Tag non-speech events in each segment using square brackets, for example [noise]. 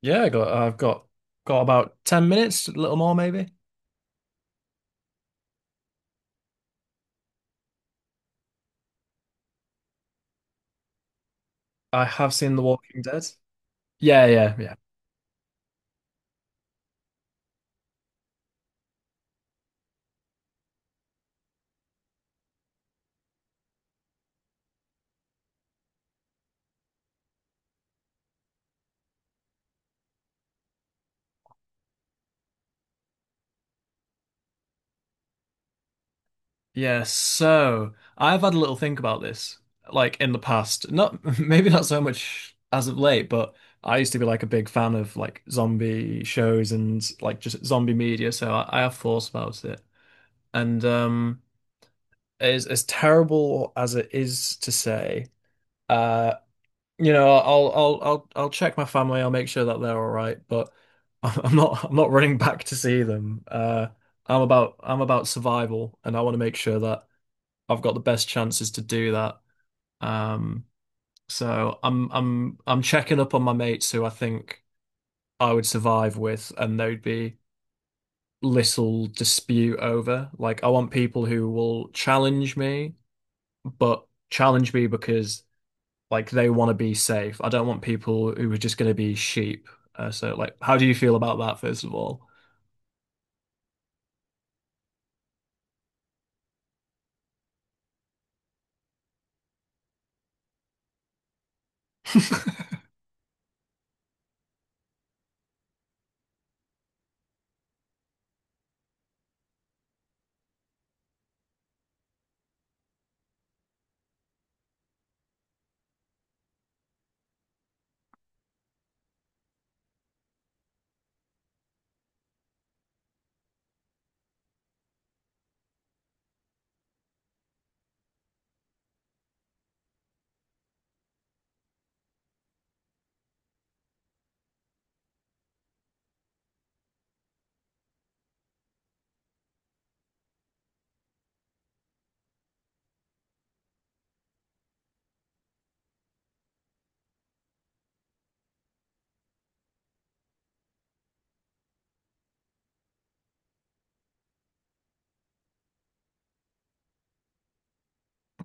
Yeah, I got I've got about 10 minutes, a little more maybe. I have seen The Walking Dead. Yeah, yeah, yeah. Yeah, so I've had a little think about this, like in the past. Not [laughs] maybe not so much as of late, but I used to be like a big fan of like zombie shows and like just zombie media, so I have thoughts about it. And As terrible as it is to say, uh you know, I'll check my family. I'll make sure that they're all right, but [laughs] I'm not running [laughs] back to see them. I'm about survival, and I want to make sure that I've got the best chances to do that. Um, so I'm checking up on my mates who I think I would survive with, and there'd be little dispute over. Like I want people who will challenge me, but challenge me because. Like they want to be safe. I don't want people who are just going to be sheep. So, like, how do you feel about that, first of all? [laughs]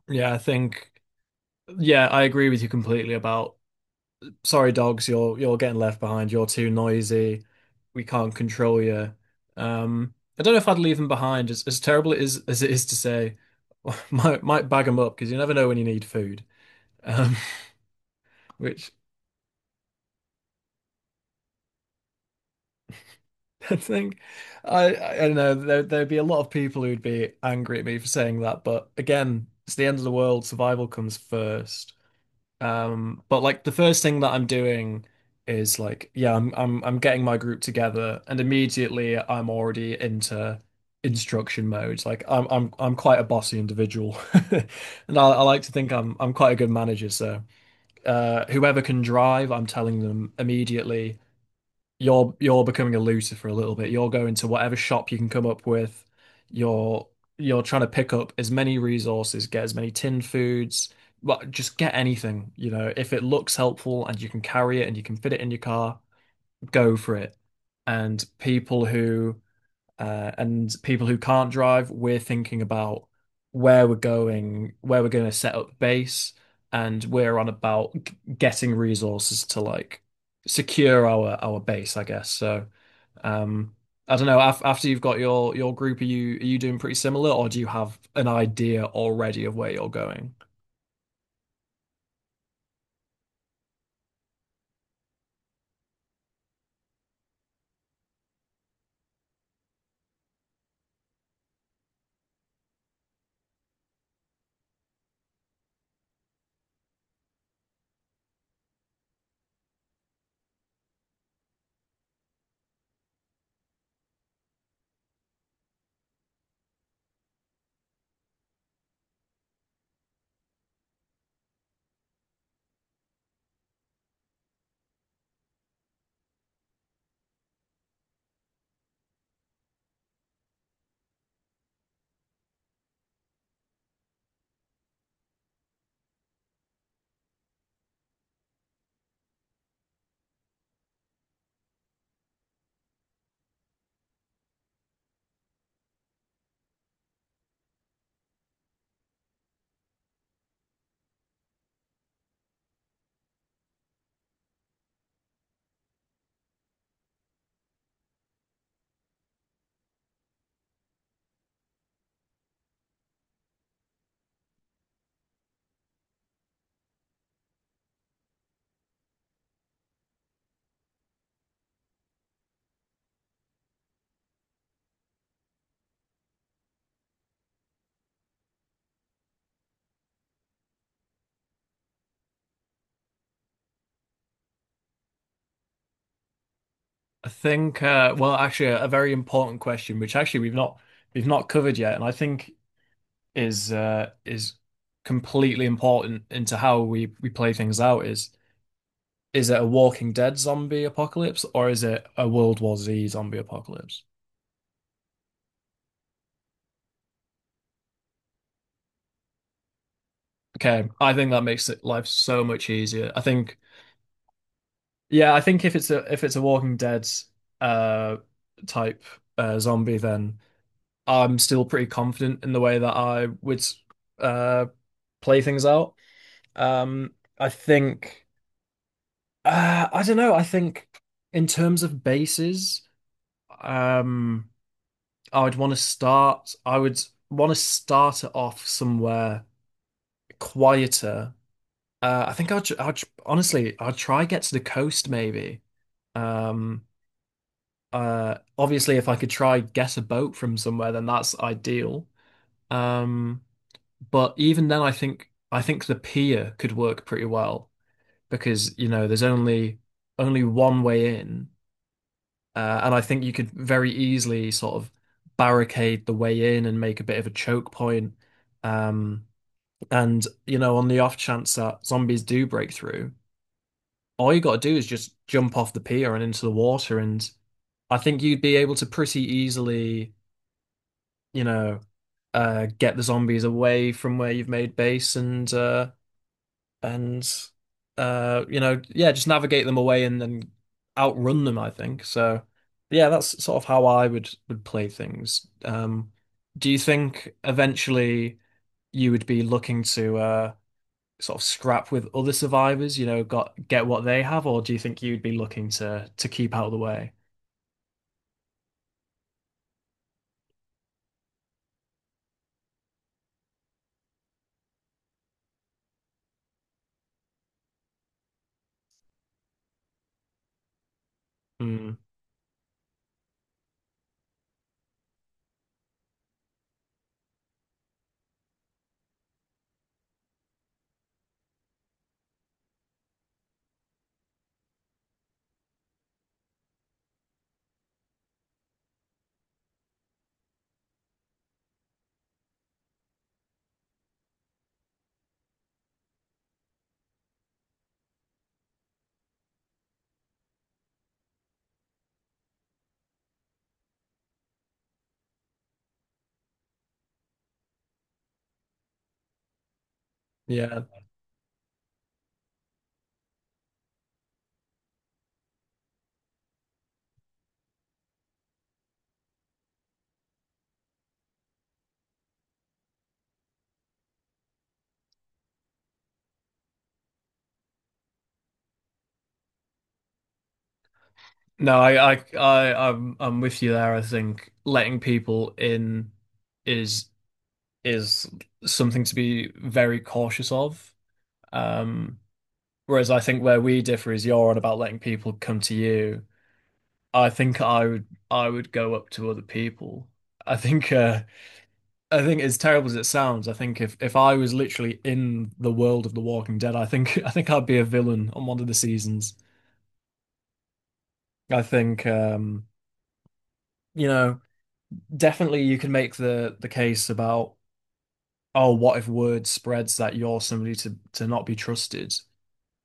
Yeah, I think, yeah, I agree with you completely about sorry, dogs, you're getting left behind. You're too noisy. We can't control you. Um, I don't know if I'd leave them behind. As terrible it is as it is to say, [laughs] might bag them up because you never know when you need food. Um, [laughs] which [laughs] I think I don't know there'd be a lot of people who'd be angry at me for saying that, but again, it's the end of the world. Survival comes first. But like the first thing that I'm doing is like, yeah, I'm getting my group together, and immediately I'm already into instruction mode. Like I'm quite a bossy individual, [laughs] and I like to think I'm quite a good manager. So whoever can drive, I'm telling them immediately you're becoming a looter for a little bit. You're going to whatever shop you can come up with. You're you're trying to pick up as many resources, get as many tin foods, but just get anything, you know. If it looks helpful and you can carry it and you can fit it in your car, go for it. And people who and people who can't drive, we're thinking about where we're going to set up base, and we're on about getting resources to like secure our base, I guess. So, um, I don't know. Af After you've got your group, are you doing pretty similar, or do you have an idea already of where you're going? I think, well, actually, a very important question, which actually we've not covered yet, and I think is completely important into how we play things out is it a Walking Dead zombie apocalypse or is it a World War Z zombie apocalypse? Okay, I think that makes it life so much easier. I think yeah, I think if it's a Walking Dead uh type zombie then I'm still pretty confident in the way that I would uh play things out. Um I think I don't know, I think in terms of bases. Um, I would want to start. I would want to start it off somewhere quieter. I think I'd honestly, I'd try get to the coast maybe. Um, obviously, if I could try get a boat from somewhere, then that's ideal. Um, but even then, I think the pier could work pretty well because you know there's only one way in. And I think you could very easily sort of barricade the way in and make a bit of a choke point. Um, and, you know, on the off chance that zombies do break through, all you got to do is just jump off the pier and into the water. And I think you'd be able to pretty easily, you know, get the zombies away from where you've made base and and you know, yeah, just navigate them away and then outrun them, I think. So yeah, that's sort of how I would play things. Do you think eventually you would be looking to sort of scrap with other survivors, you know, got get what they have, or do you think you'd be looking to keep out of the way? Mm, yeah. No, I'm with you there. I think letting people in is is something to be very cautious of. Um, Whereas I think where we differ is you're on about letting people come to you. I think I would go up to other people. I think uh, I think as terrible as it sounds, I think if I was literally in the world of The Walking Dead, I think [laughs] I think I'd be a villain on one of the seasons. I think you know definitely you can make the case about oh what if word spreads that you're somebody to not be trusted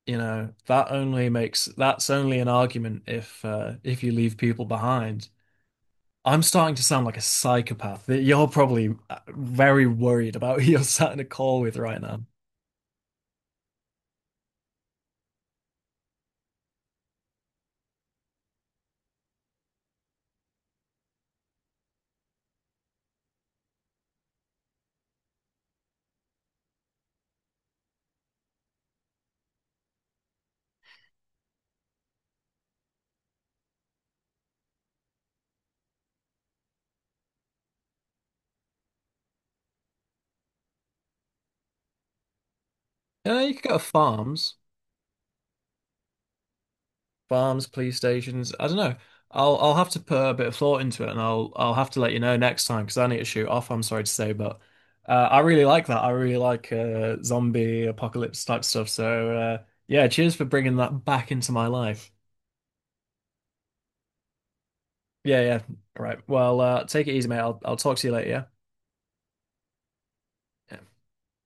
you know, that only makes that's only an argument if you leave people behind. I'm starting to sound like a psychopath that you're probably very worried about [laughs] who you're sat in a call with right now. You know, you could go to farms, farms, police stations. I don't know. I'll have to put a bit of thought into it, and I'll have to let you know next time because I need to shoot off. I'm sorry to say, but I really like that. I really like zombie apocalypse type stuff. So yeah, cheers for bringing that back into my life. Yeah, yeah. All right. Well, take it easy, mate. I'll talk to you later, yeah?